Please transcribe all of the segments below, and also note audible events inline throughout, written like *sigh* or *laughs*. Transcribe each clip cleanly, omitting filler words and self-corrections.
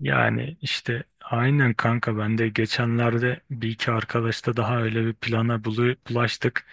Yani işte aynen kanka ben de geçenlerde bir iki arkadaşla daha öyle bir plana bulaştık.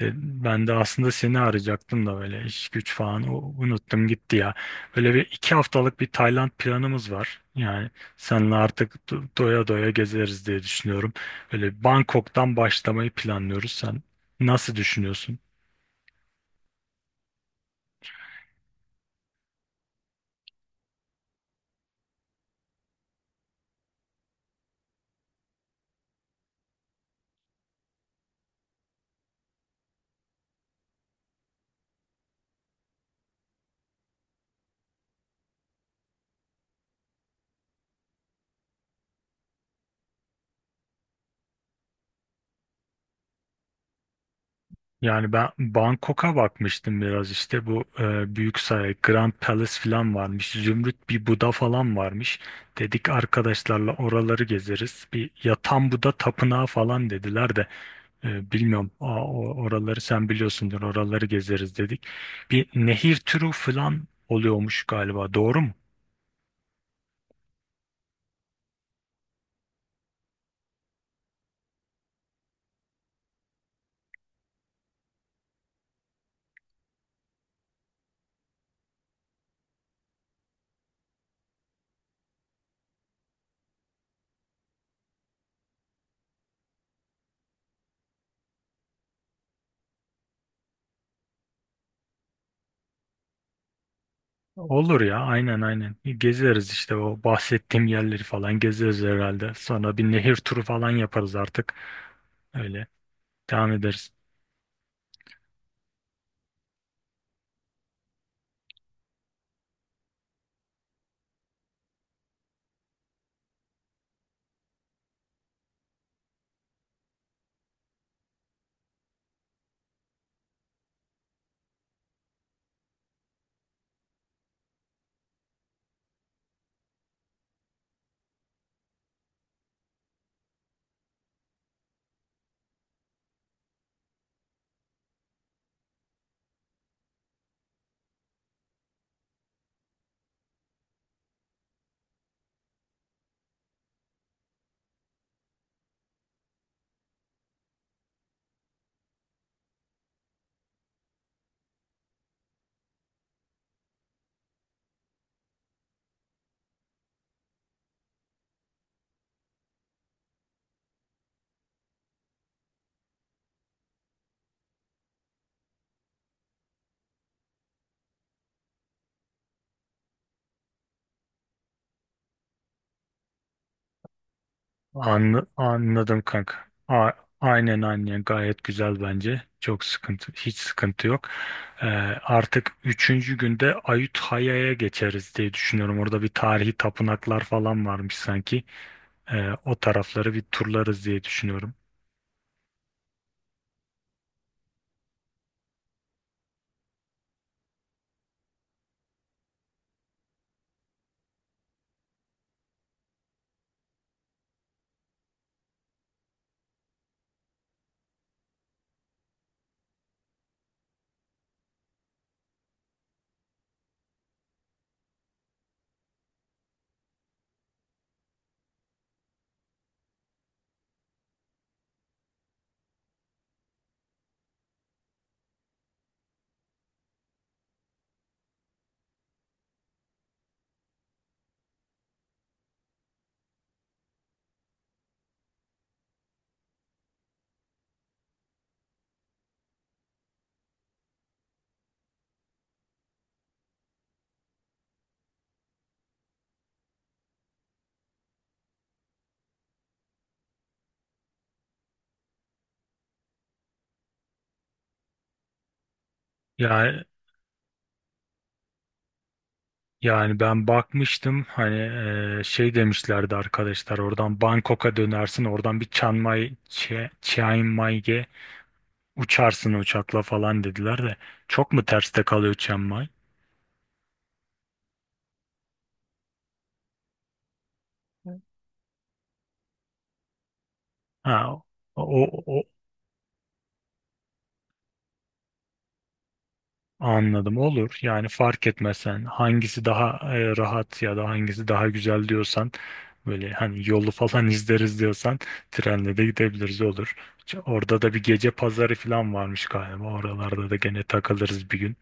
E, Ben de aslında seni arayacaktım da böyle iş güç falan unuttum gitti ya. Böyle bir iki haftalık bir Tayland planımız var. Yani seninle artık doya doya gezeriz diye düşünüyorum. Böyle Bangkok'tan başlamayı planlıyoruz. Sen nasıl düşünüyorsun? Yani ben Bangkok'a bakmıştım biraz işte bu büyük saray Grand Palace falan varmış. Zümrüt bir Buda falan varmış. Dedik arkadaşlarla oraları gezeriz. Bir Yatan Buda tapınağı falan dediler de. Bilmiyorum, oraları sen biliyorsundur, oraları gezeriz dedik. Bir nehir turu falan oluyormuş galiba, doğru mu? Olur ya, aynen aynen gezeriz işte, o bahsettiğim yerleri falan gezeriz herhalde. Sonra bir nehir turu falan yaparız artık, öyle devam ederiz. Anladım kanka. A- aynen aynen, gayet güzel bence. Çok sıkıntı, hiç sıkıntı yok. Ee, Artık üçüncü günde Ayutthaya'ya geçeriz diye düşünüyorum. Orada bir tarihi tapınaklar falan varmış sanki. O tarafları bir turlarız diye düşünüyorum. Ya, yani ben bakmıştım hani, şey demişlerdi arkadaşlar, oradan Bangkok'a dönersin, oradan bir Chiang Mai, Chiang Mai'ye uçarsın uçakla falan dediler de, çok mu terste kalıyor Chiang Mai? Ha, o, o anladım, olur yani. Fark etmesen, hangisi daha rahat ya da hangisi daha güzel diyorsan, böyle hani yolu falan *laughs* izleriz diyorsan, trenle de gidebiliriz, olur. Orada da bir gece pazarı falan varmış galiba, oralarda da gene takılırız bir gün.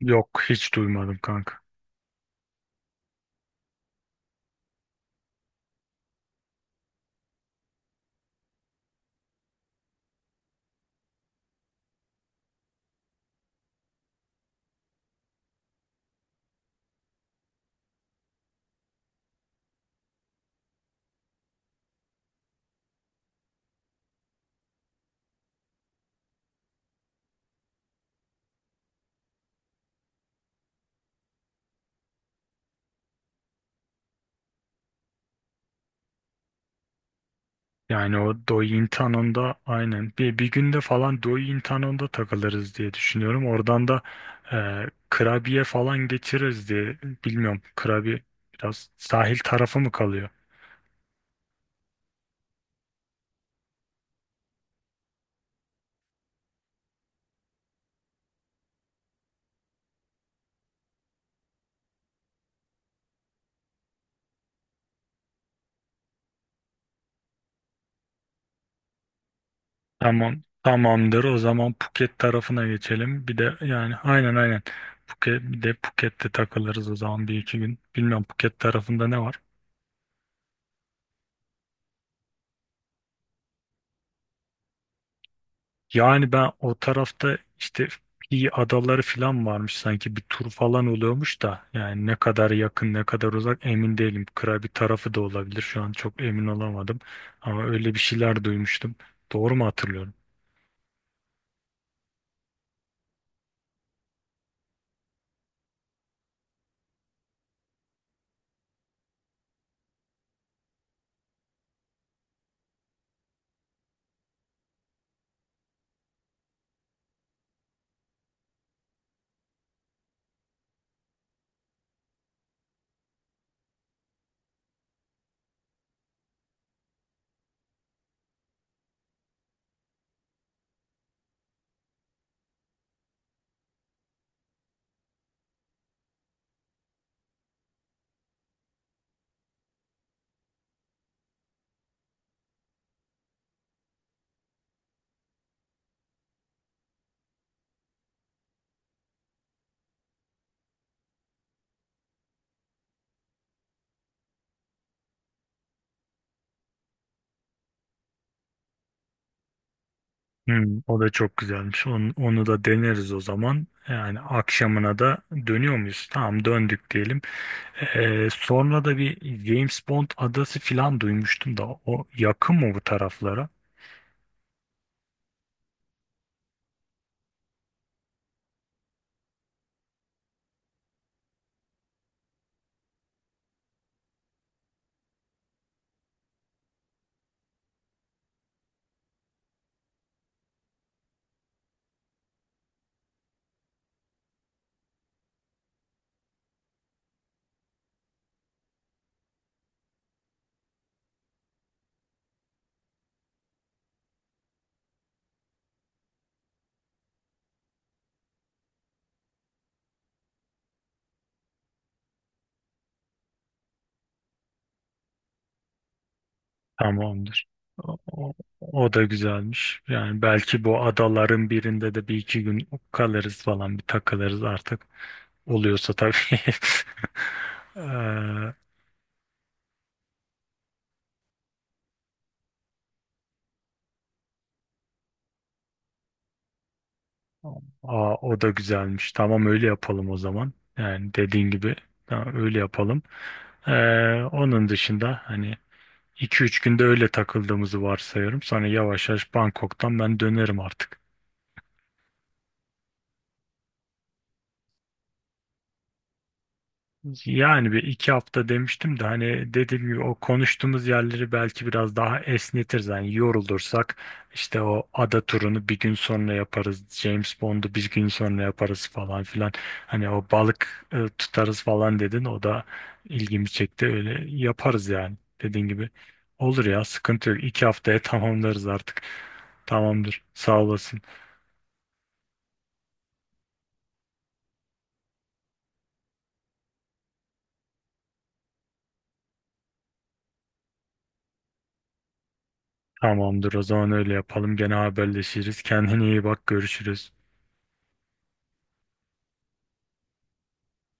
Yok, hiç duymadım kanka. Yani o Dointanon'da da aynen bir günde falan Dointanon'da takılırız diye düşünüyorum. Oradan da Krabiye falan geçiririz diye, bilmiyorum. Krabi biraz sahil tarafı mı kalıyor? Tamam. Tamamdır. O zaman Phuket tarafına geçelim. Bir de yani aynen aynen. Phuket, bir de Phuket'te takılırız o zaman bir iki gün. Bilmiyorum, Phuket tarafında ne var? Yani ben o tarafta işte Pi adaları falan varmış sanki, bir tur falan oluyormuş da, yani ne kadar yakın ne kadar uzak emin değilim. Krabi tarafı da olabilir, şu an çok emin olamadım, ama öyle bir şeyler duymuştum. Doğru mu hatırlıyorum? Hmm, o da çok güzelmiş. Onu da deneriz o zaman. Yani akşamına da dönüyor muyuz? Tamam, döndük diyelim. Sonra da bir James Bond adası falan duymuştum da, o yakın mı bu taraflara? Tamamdır. O, o- O da güzelmiş. Yani belki bu adaların birinde de bir iki gün kalırız falan, bir takılırız artık. Oluyorsa tabii. *laughs* Eee, Aa, o da güzelmiş. Tamam, öyle yapalım o zaman. Yani dediğin gibi tamam, öyle yapalım. Onun dışında hani, iki üç günde öyle takıldığımızı varsayıyorum. Sonra yavaş yavaş Bangkok'tan ben dönerim artık. Yani bir iki hafta demiştim de, hani dediğim gibi, o konuştuğumuz yerleri belki biraz daha esnetiriz. Yani yorulursak işte o ada turunu bir gün sonra yaparız. James Bond'u bir gün sonra yaparız falan filan. Hani o balık tutarız falan dedin. O da ilgimi çekti. Öyle yaparız yani, dediğin gibi. Olur ya, sıkıntı yok. İki haftaya *laughs* tamamlarız artık. Tamamdır, sağ olasın. Tamamdır. O zaman öyle yapalım. Gene haberleşiriz. Kendine iyi bak. Görüşürüz.